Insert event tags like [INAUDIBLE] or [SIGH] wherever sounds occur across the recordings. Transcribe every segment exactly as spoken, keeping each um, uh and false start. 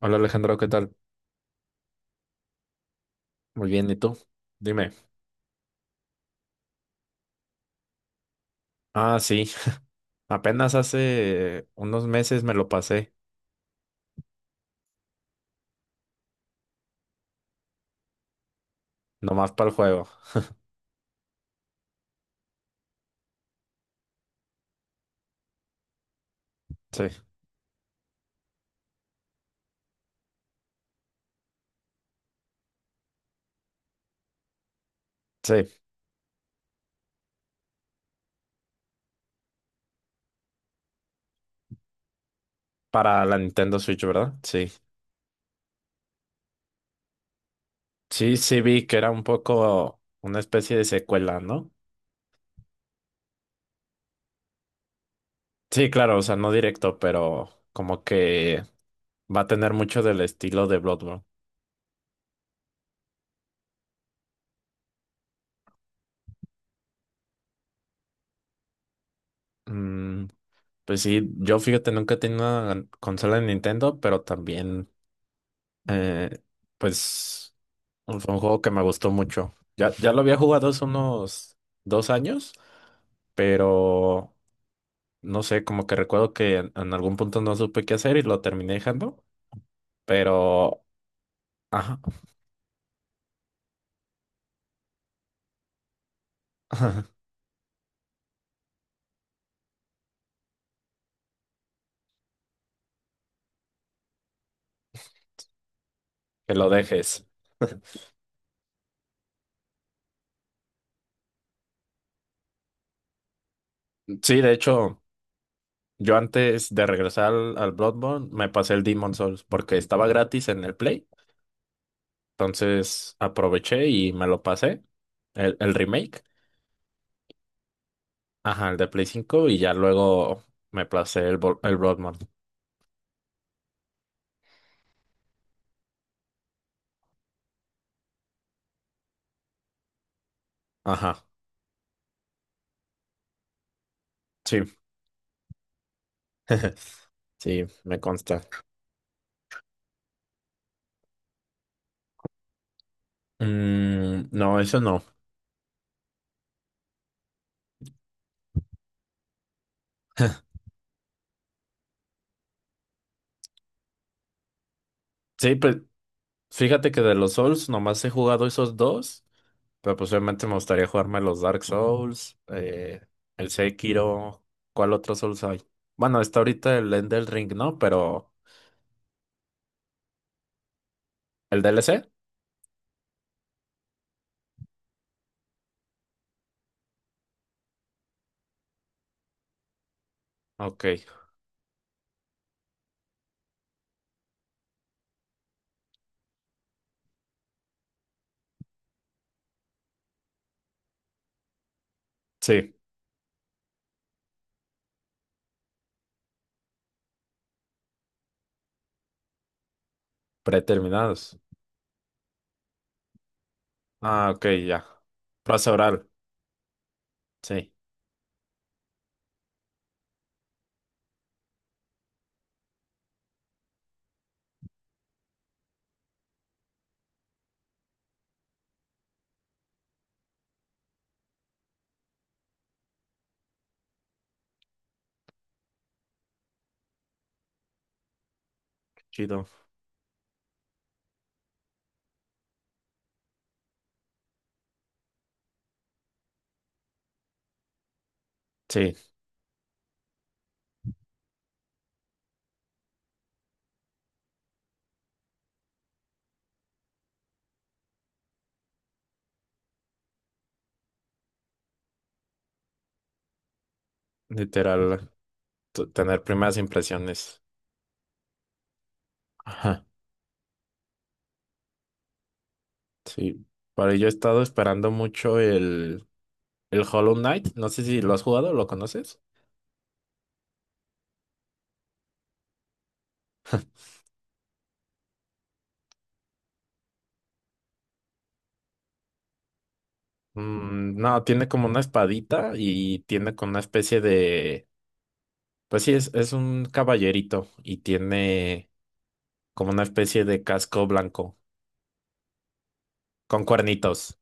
Hola Alejandro, ¿qué tal? Muy bien, ¿y tú? Dime. Ah, sí, apenas hace unos meses me lo pasé, nomás para el juego. Sí, sí, para la Nintendo Switch, ¿verdad? Sí. Sí, sí vi que era un poco una especie de secuela, ¿no? Sí, claro, o sea, no directo, pero como que va a tener mucho del estilo de Bloodborne. Mm, pues sí, yo, fíjate, nunca he tenido una consola de Nintendo, pero también, Eh, pues fue un juego que me gustó mucho. Ya, ya lo había jugado hace unos dos años, pero no sé, como que recuerdo que en, en algún punto no supe qué hacer y lo terminé dejando, pero ajá. [LAUGHS] Que lo dejes. Sí, de hecho, yo antes de regresar al, al Bloodborne me pasé el Demon Souls porque estaba gratis en el Play, entonces aproveché y me lo pasé, el, el remake. Ajá, el de Play cinco y ya luego me placé el, Bro- el Broadman. Ajá, sí. [LAUGHS] Sí, me consta. Mm, no, eso no. [LAUGHS] Sí, pues fíjate que de los Souls nomás he jugado esos dos, pero pues obviamente me gustaría jugarme los Dark Souls, eh, el Sekiro. ¿Cuál otro Souls hay? Bueno, está ahorita el Elden Ring, ¿no? Pero ¿el D L C? Ok, sí, preterminados. Ah, ok, ya. Plaza oral, sí, chido. Sí. Literal, t- tener primeras impresiones. Ajá, sí. Pero yo he estado esperando mucho el, el Hollow Knight. No sé si lo has jugado, ¿lo conoces? Mm, no, tiene como una espadita y tiene como una especie de... Pues sí, es, es un caballerito y tiene como una especie de casco blanco con cuernitos.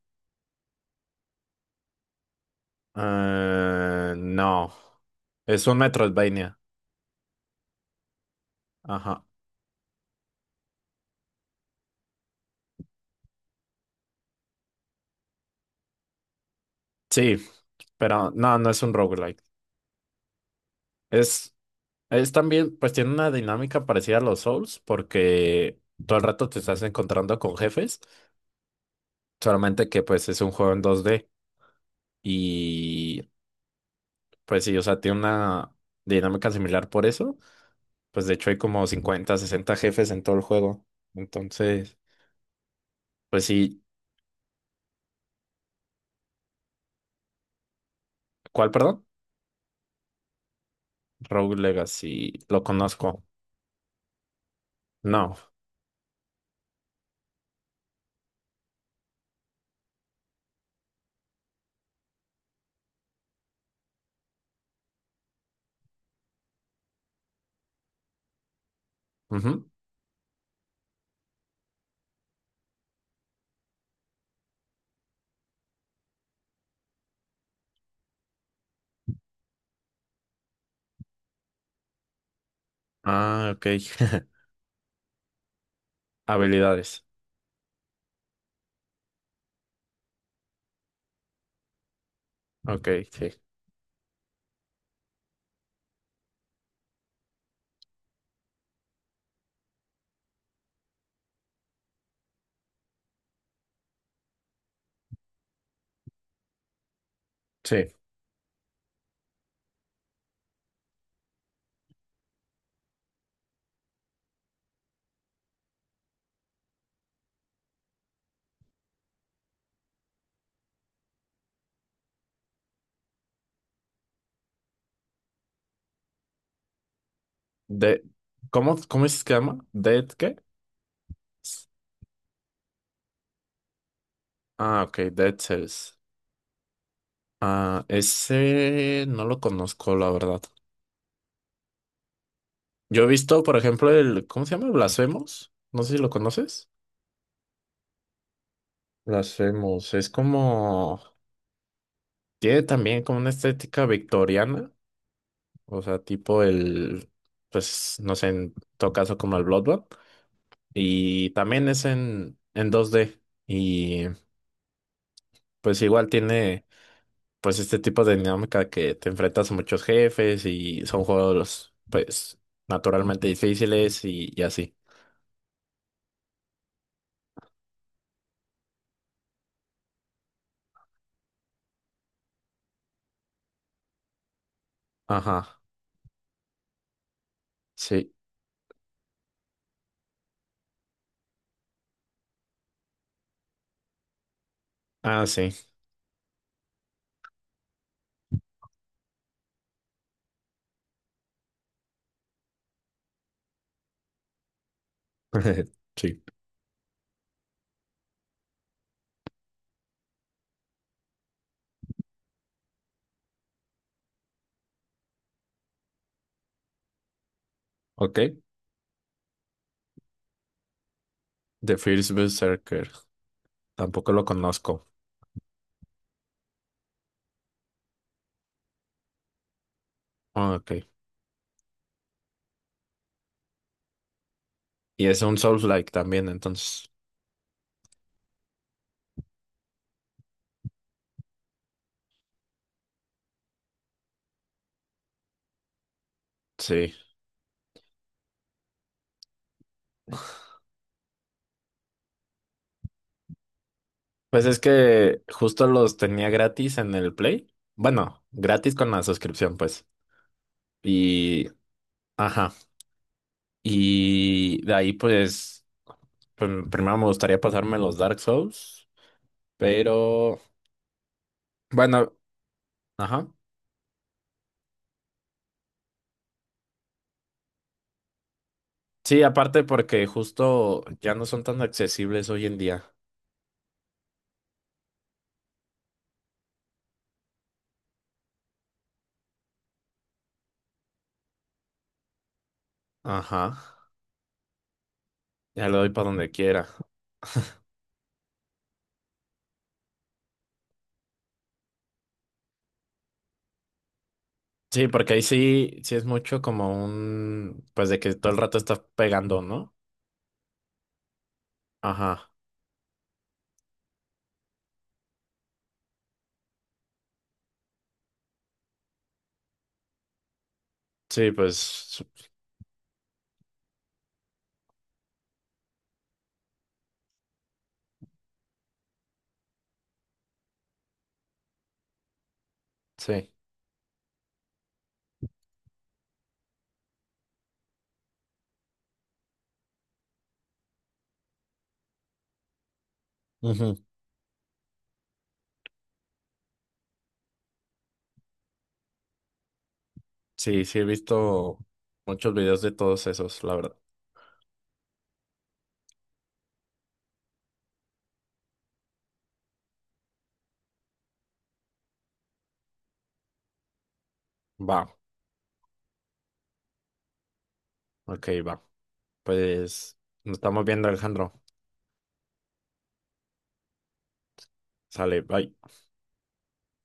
Ah, no, es un Metroidvania. Ajá, sí, pero no, no es un roguelike. Es Es también, pues tiene una dinámica parecida a los Souls, porque todo el rato te estás encontrando con jefes, solamente que pues es un juego en dos d, y pues sí, o sea, tiene una dinámica similar por eso, pues de hecho hay como cincuenta sesenta jefes en todo el juego, entonces, pues sí. ¿Cuál, perdón? Rogue Legacy, lo conozco. No. Ujú. Ah, ok. [LAUGHS] Habilidades, ok, sí. Sí. De, ¿cómo, cómo es que se llama? ¿Dead qué? Ah, ok, Dead Cells. Ah, ese no lo conozco, la verdad. Yo he visto, por ejemplo, el, ¿cómo se llama? Blasphemous. No sé si lo conoces. Blasphemous. Es como, tiene también como una estética victoriana. O sea, tipo el, pues, no sé, en todo caso como el Bloodborne. Y también es en, en dos d. Y pues igual tiene pues este tipo de dinámica que te enfrentas a muchos jefes y son juegos pues naturalmente difíciles y, y así. Ajá, sí. Ah, sí. [LAUGHS] Sí. Ok. The First Berserker. Tampoco lo conozco. Ah, ok. Y es un Souls-like también, entonces. Sí. Pues es que justo los tenía gratis en el Play. Bueno, gratis con la suscripción, pues. Y. Ajá. Y de ahí, pues, prim- primero me gustaría pasarme los Dark Souls, pero bueno, ajá. Sí, aparte porque justo ya no son tan accesibles hoy en día. Ajá. Ya le doy para donde quiera. Sí, porque ahí sí, sí es mucho como un, pues de que todo el rato estás pegando, ¿no? Ajá. Sí, pues sí. Ujú. Sí, sí he visto muchos videos de todos esos, la verdad. Va, ok, va. Pues nos estamos viendo, Alejandro. Sale, bye.